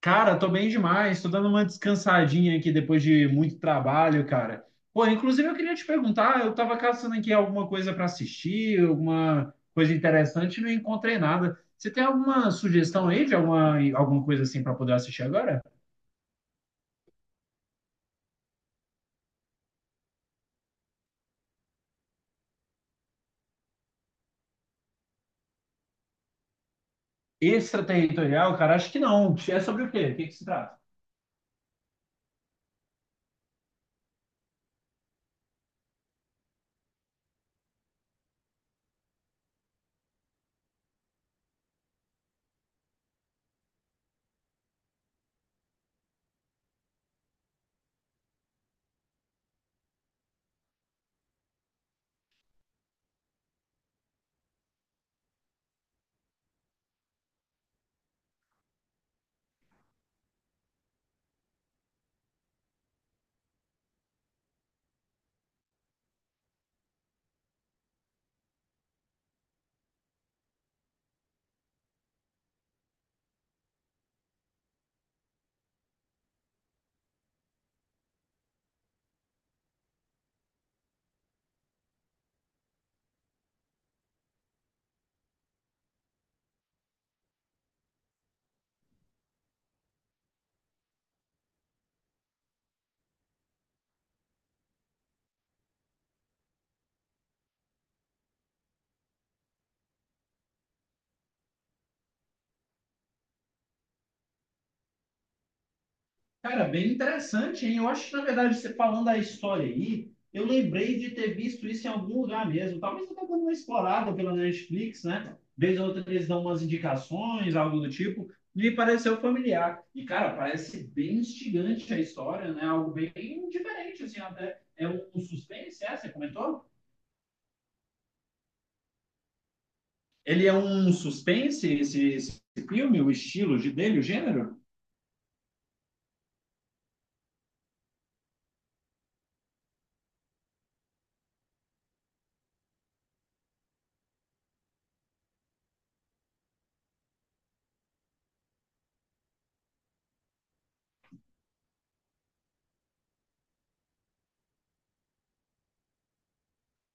Cara, tô bem demais, tô dando uma descansadinha aqui depois de muito trabalho, cara. Pô, inclusive eu queria te perguntar, eu tava caçando aqui alguma coisa para assistir, alguma coisa interessante e não encontrei nada. Você tem alguma sugestão aí de alguma coisa assim para poder assistir agora? Extraterritorial, cara, acho que não. É sobre o quê? O que que se trata? Cara, bem interessante, hein? Eu acho que, na verdade, você falando da história aí, eu lembrei de ter visto isso em algum lugar mesmo. Talvez até dando uma explorada pela Netflix, né? Vez ou outra eles dão umas indicações, algo do tipo. Me pareceu familiar. E, cara, parece bem instigante a história, né? Algo bem diferente, assim, até. É um suspense, é? Você comentou? Ele é um suspense, esse filme, o estilo de dele, o gênero?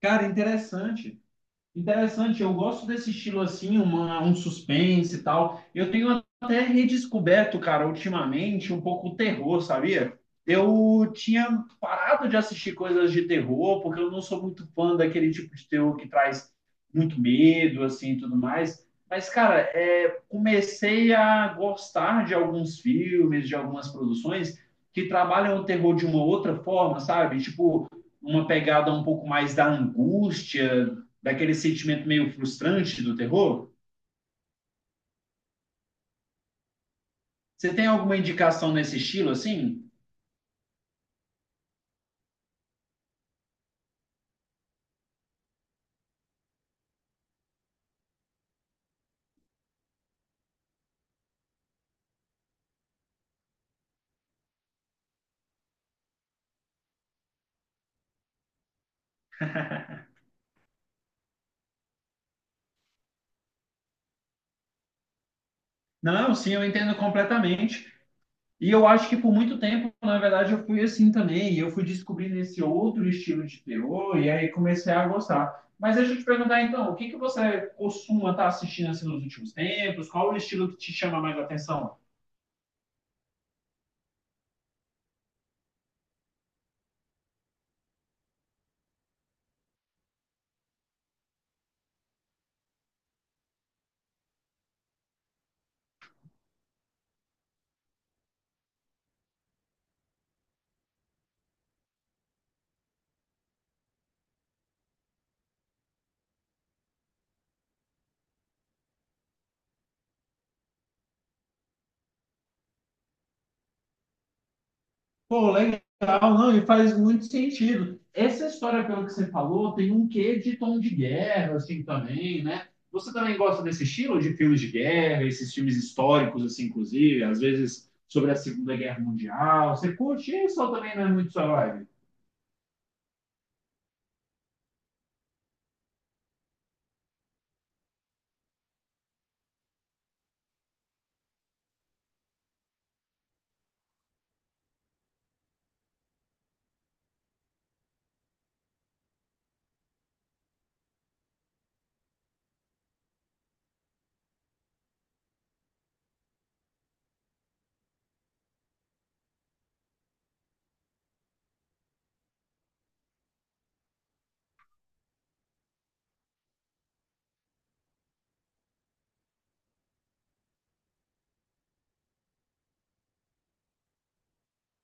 Cara, interessante. Interessante, eu gosto desse estilo assim, um suspense e tal. Eu tenho até redescoberto, cara, ultimamente, um pouco o terror, sabia? Eu tinha parado de assistir coisas de terror, porque eu não sou muito fã daquele tipo de terror que traz muito medo, assim, e tudo mais. Mas, cara, comecei a gostar de alguns filmes, de algumas produções que trabalham o terror de uma outra forma, sabe? Tipo, uma pegada um pouco mais da angústia, daquele sentimento meio frustrante do terror? Você tem alguma indicação nesse estilo assim? Não, sim, eu entendo completamente. E eu acho que por muito tempo, na verdade, eu fui assim também. E eu fui descobrindo esse outro estilo de terror e aí comecei a gostar. Mas deixa eu te perguntar então, o que que você costuma estar assistindo assim nos últimos tempos? Qual o estilo que te chama mais a atenção? Pô, legal, não, e faz muito sentido. Essa história, pelo que você falou, tem um quê de tom de guerra, assim, também, né? Você também gosta desse estilo de filmes de guerra, esses filmes históricos, assim, inclusive, às vezes sobre a Segunda Guerra Mundial. Você curte isso ou também não é muito sua vibe?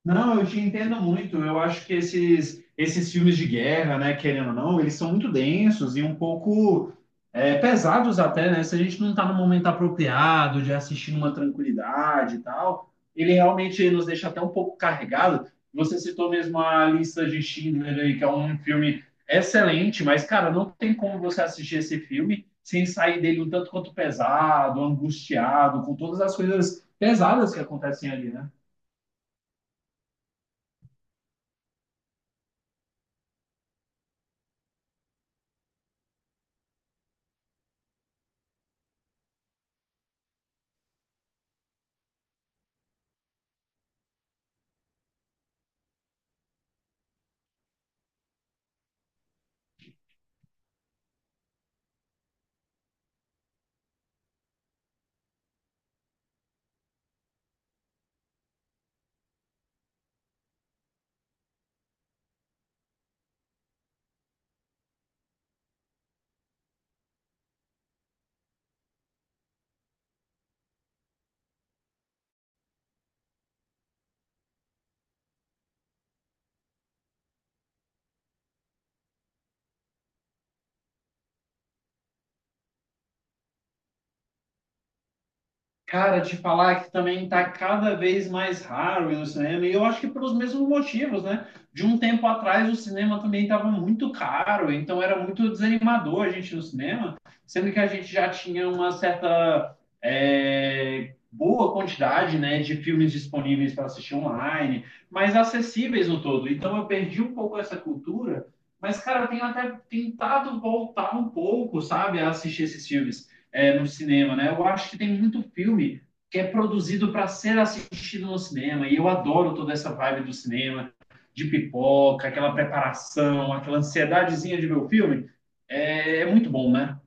Não, eu te entendo muito. Eu acho que esses filmes de guerra, né, querendo ou não, eles são muito densos e um pouco pesados até, né? Se a gente não está no momento apropriado de assistir numa tranquilidade e tal, ele realmente nos deixa até um pouco carregado. Você citou mesmo a lista de Schindler aí, que é um filme excelente, mas, cara, não tem como você assistir esse filme sem sair dele um tanto quanto pesado, angustiado, com todas as coisas pesadas que acontecem ali, né? Cara, te falar que também está cada vez mais raro ir no cinema, e eu acho que pelos mesmos motivos, né? De um tempo atrás o cinema também estava muito caro, então era muito desanimador a gente ir no cinema, sendo que a gente já tinha uma certa boa quantidade, né, de filmes disponíveis para assistir online, mas acessíveis no todo. Então eu perdi um pouco essa cultura, mas, cara, eu tenho até tentado voltar um pouco, sabe, a assistir esses filmes no cinema, né? Eu acho que tem muito filme que é produzido para ser assistido no cinema, e eu adoro toda essa vibe do cinema, de pipoca, aquela preparação, aquela ansiedadezinha de ver o filme. É, é muito bom, né?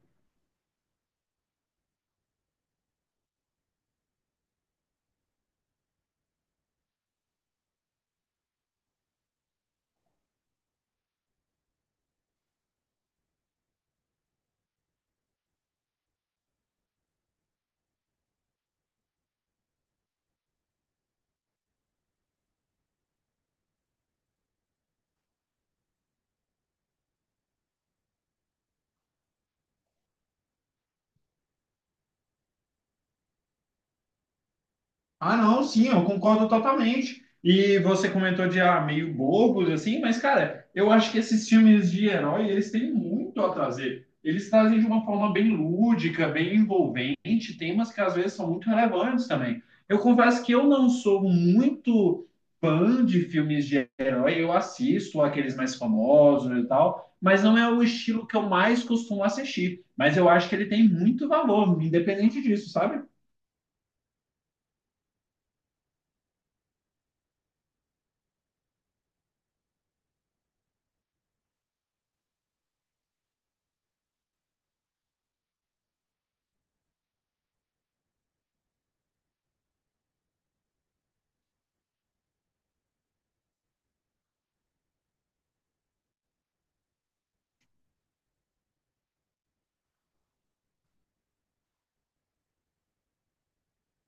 Ah, não, sim, eu concordo totalmente. E você comentou de meio bobos, assim, mas, cara, eu acho que esses filmes de herói, eles têm muito a trazer. Eles trazem de uma forma bem lúdica, bem envolvente, temas que às vezes são muito relevantes também. Eu confesso que eu não sou muito fã de filmes de herói, eu assisto aqueles mais famosos e tal, mas não é o estilo que eu mais costumo assistir. Mas eu acho que ele tem muito valor, independente disso, sabe?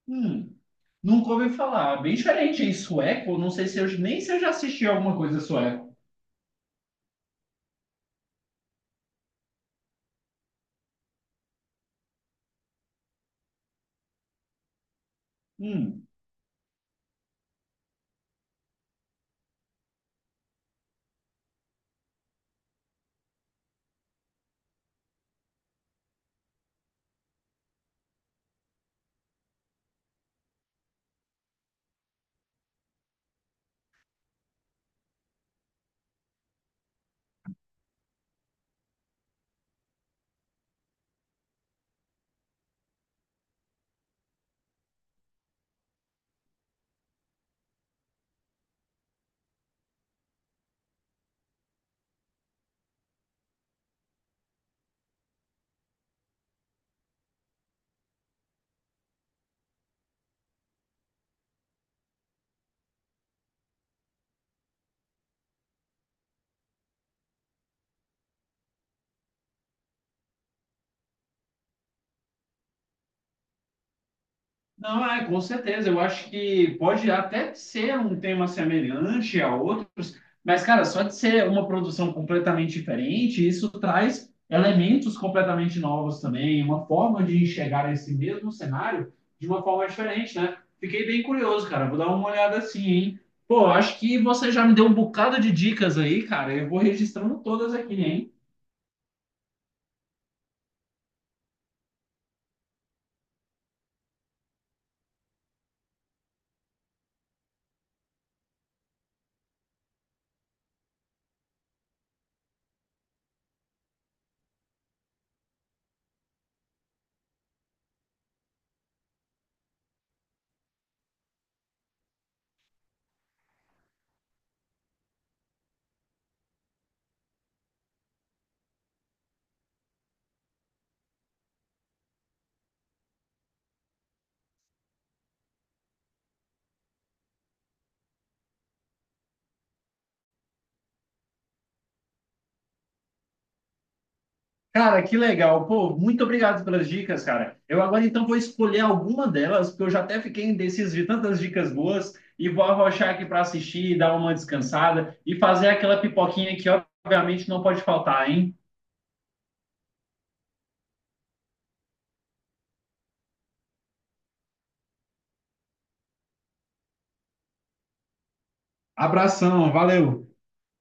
Hum. Nunca ouvi falar. Bem diferente, em sueco, não sei se eu já assisti alguma coisa sueco. Hum. Não, é, com certeza. Eu acho que pode até ser um tema semelhante a outros, mas, cara, só de ser uma produção completamente diferente, isso traz elementos completamente novos também, uma forma de enxergar esse mesmo cenário de uma forma diferente, né? Fiquei bem curioso, cara. Vou dar uma olhada assim, hein? Pô, acho que você já me deu um bocado de dicas aí, cara. Eu vou registrando todas aqui, hein? Cara, que legal. Pô, muito obrigado pelas dicas, cara. Eu agora então vou escolher alguma delas, porque eu já até fiquei indeciso de tantas dicas boas e vou arrochar aqui para assistir, dar uma descansada e fazer aquela pipoquinha que obviamente não pode faltar, hein? Abração, valeu.